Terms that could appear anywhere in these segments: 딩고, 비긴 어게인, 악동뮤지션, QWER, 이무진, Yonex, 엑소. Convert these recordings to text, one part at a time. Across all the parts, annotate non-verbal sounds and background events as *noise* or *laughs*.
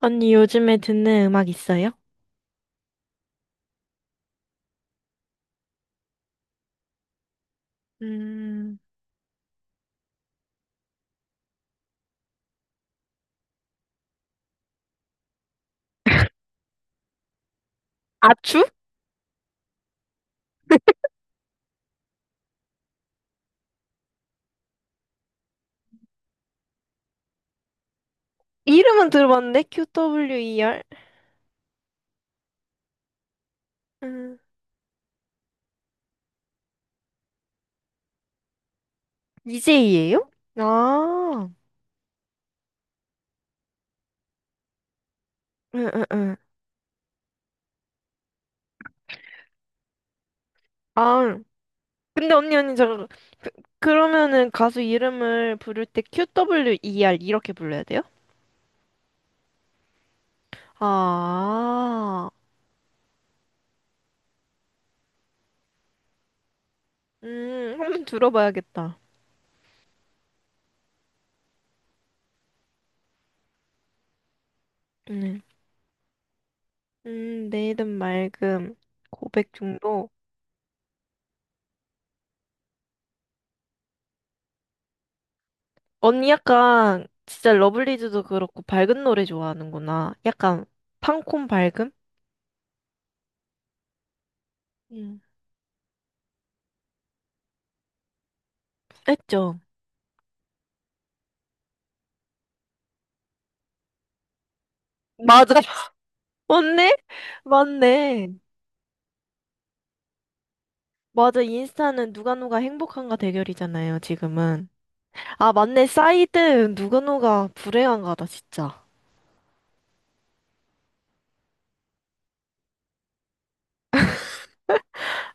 언니 요즘에 듣는 음악 있어요? 음, 아추? 이름은 들어봤는데? QWER? 음, DJ예요? 아, 응, 응, 응. 아, 근데 언니, 저, 그, 그러면은 가수 이름을 부를 때 QWER 이렇게 불러야 돼요? 아, 한번 들어봐야겠다. 네. 내일은 맑음, 고백 중독. 언니 약간 진짜 러블리즈도 그렇고 밝은 노래 좋아하는구나. 약간 팡콘 밝음? 응. 했죠. 맞아. *laughs* 맞네? 맞네. 맞아. 인스타는 누가 누가 행복한가 대결이잖아요, 지금은. 아, 맞네. 사이드 누가 누가 불행한가다, 진짜.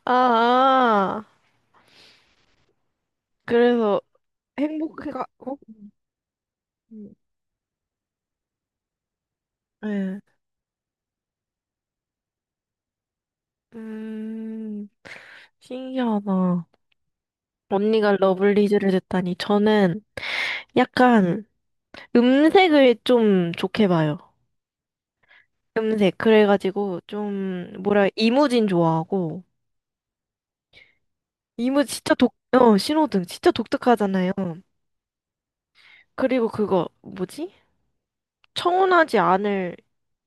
아, 아. 그래서 행복, 해가 어? 음, 예. 음, 신기하다. 언니가 러블리즈를 듣다니. 저는 약간 음색을 좀 좋게 봐요. 음색. 그래가지고 좀 뭐라 이무진 좋아하고 이무 진짜 신호등 진짜 독특하잖아요. 그리고 그거 뭐지? 청혼하지 않을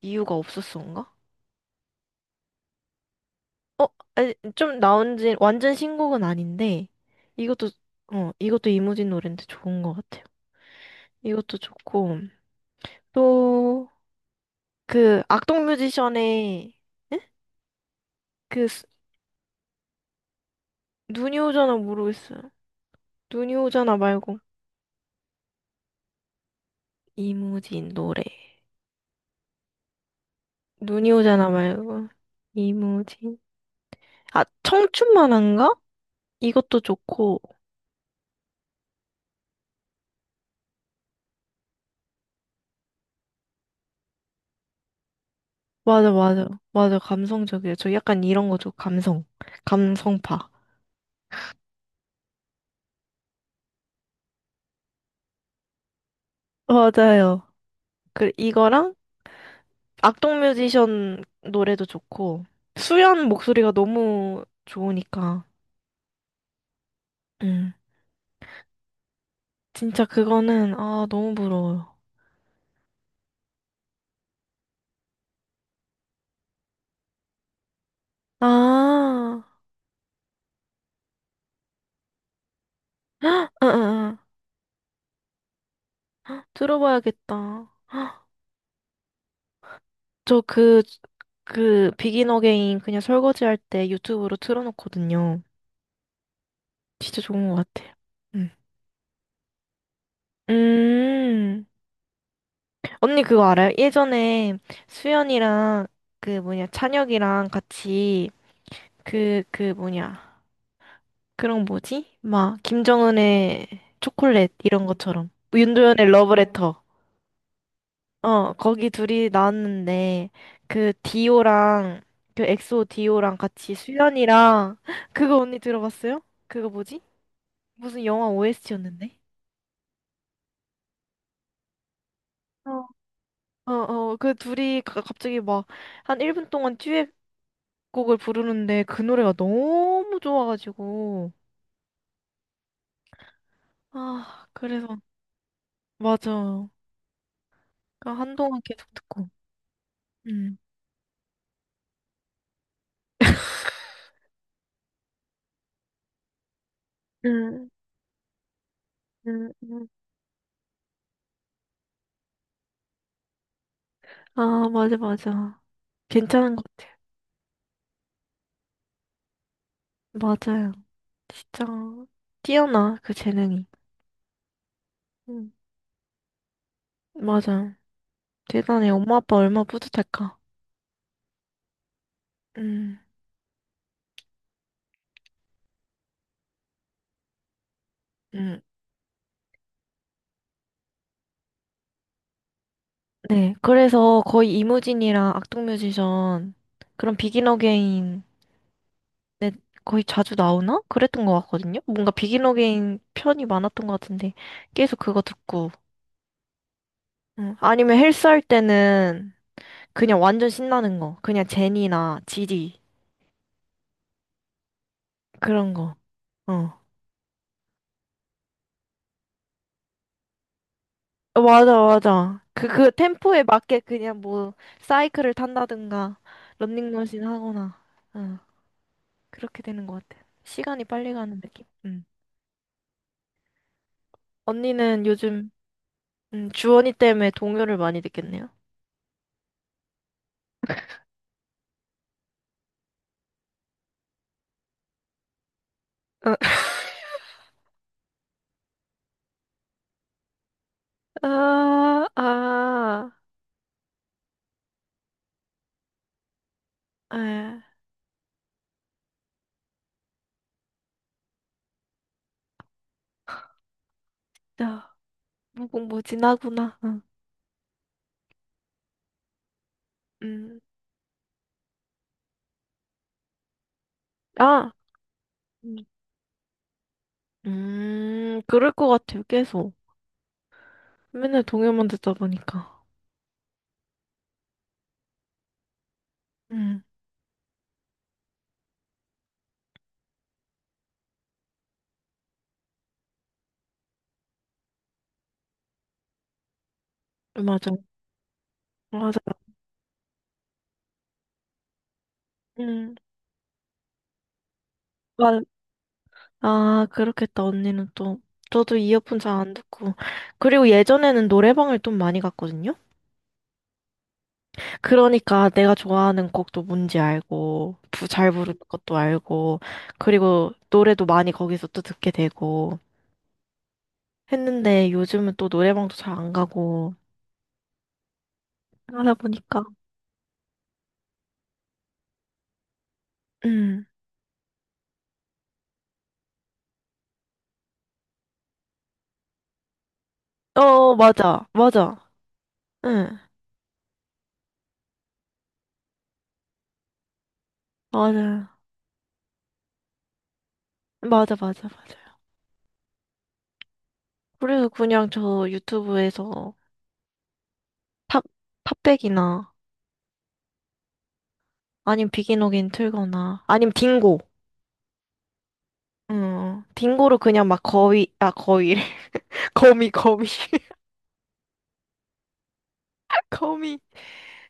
이유가 없었어인가? 아니, 좀 나온 지 완전 신곡은 아닌데 이것도 이것도 이무진 노래인데 좋은 것 같아요. 이것도 좋고 또 그 악동 뮤지션의 에? 그 눈이 오잖아 모르겠어요. 눈이 오잖아 말고 이무진 노래. 눈이 오잖아 말고. 이무진. 아, 청춘만한가? 이것도 좋고. 맞아, 맞아. 맞아, 감성적이에요. 저 약간 이런 거 좀 감성. 감성파. 맞아요. 그, 이거랑 악동 뮤지션 노래도 좋고. 수현 목소리가 너무 좋으니까. 음. 진짜 그거는, 아, 너무 부러워요. 아, 아, 아, 아. 들어봐야겠다. 저 그, 비긴 어게인 그냥 설거지할 때 유튜브로 틀어놓거든요. 진짜 좋은 것 같아요. 음. 음. 언니 그거 알아요? 예전에 수연이랑 그 뭐냐, 찬혁이랑 같이 그 뭐냐. 그런 뭐지? 막, 김정은의 초콜릿 이런 것처럼. 윤도현의 러브레터. 어, 거기 둘이 나왔는데, 그, 디오랑, 그 엑소 디오랑 같이 수연이랑, *laughs* 그거 언니 들어봤어요? 그거 뭐지? 무슨 영화 OST였는데? 어, 어, 어, 그 둘이 갑자기 막, 한 1분 동안 듀엣곡을 부르는데, 그 노래가 너무 좋아가지고. 아, 그래서, 맞아. 그 한동안 계속 듣고. 응 응 응 응 아, 맞아, 맞아. 괜찮은 것 같아요. 맞아요. 진짜 뛰어나 그 재능이. 응, 맞아. 대단해. 엄마 아빠 얼마나 뿌듯할까. 음, 음, 네. 그래서 거의 이무진이랑 악동뮤지션 그런 비긴 어게인 거의 자주 나오나? 그랬던 것 같거든요. 뭔가 비긴 어게인 편이 많았던 것 같은데 계속 그거 듣고. 아니면 헬스 할 때는 그냥 완전 신나는 거. 그냥 제니나 지디 그런 거. 어. 어, 맞아, 맞아. 그 템포에 맞게 그냥 뭐, 사이클을 탄다든가, 런닝머신 하거나, 어, 그렇게 되는 것 같아. 시간이 빨리 가는 느낌? 응. 언니는 요즘, 주원이 때문에 동요를 많이 듣겠네요? *laughs* 아, 아, 아, 자 무궁무진하구나. 응. 음, 아, 음, 그럴 것 같아요, 계속. 맨날 동요만 듣다 보니까. 음, 맞아, 맞아. 음, 아, 그렇겠다, 언니는 또. 저도 이어폰 잘 안 듣고. 그리고 예전에는 노래방을 좀 많이 갔거든요? 그러니까 내가 좋아하는 곡도 뭔지 알고, 잘 부르는 것도 알고, 그리고 노래도 많이 거기서 또 듣게 되고 했는데 요즘은 또 노래방도 잘 안 가고 하다 보니까. 음. 어, 맞아. 맞아. 응. 맞아요. 맞아, 맞아, 맞아요. 그래서 그냥 저 유튜브에서 팝, 팝백이나 아님 비기노긴 틀거나. 아님 딩고. 응. 딩고로 그냥 막 거위, 아, 거위래. *laughs* 거미, 거미. *laughs* 거미,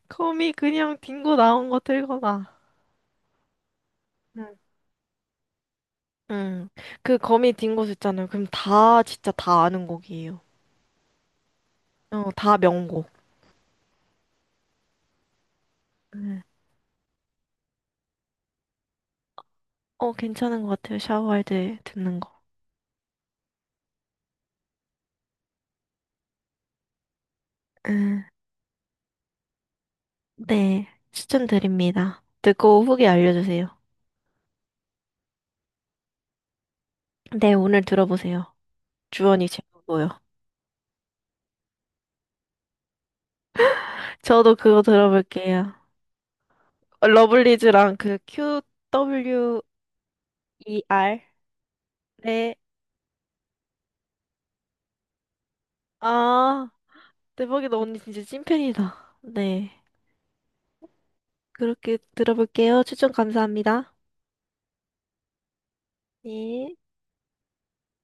거미 그냥 딩고 나온 거 틀거나. 응. 응. 그 거미 딩고 있잖아요. 그럼 다, 진짜 다 아는 곡이에요. 어, 다 명곡. 어, 괜찮은 것 같아요. 샤워할 때 듣는 거. 음, 네. 추천드립니다. 듣고 후기 알려주세요. 네, 오늘 들어보세요. 주원이 최고고요. 저도 그거 들어볼게요. 러블리즈랑 그 QWER. 네. 아, 대박이다. 언니 진짜 찐팬이다. 네. 그렇게 들어볼게요. 추천 감사합니다. 네.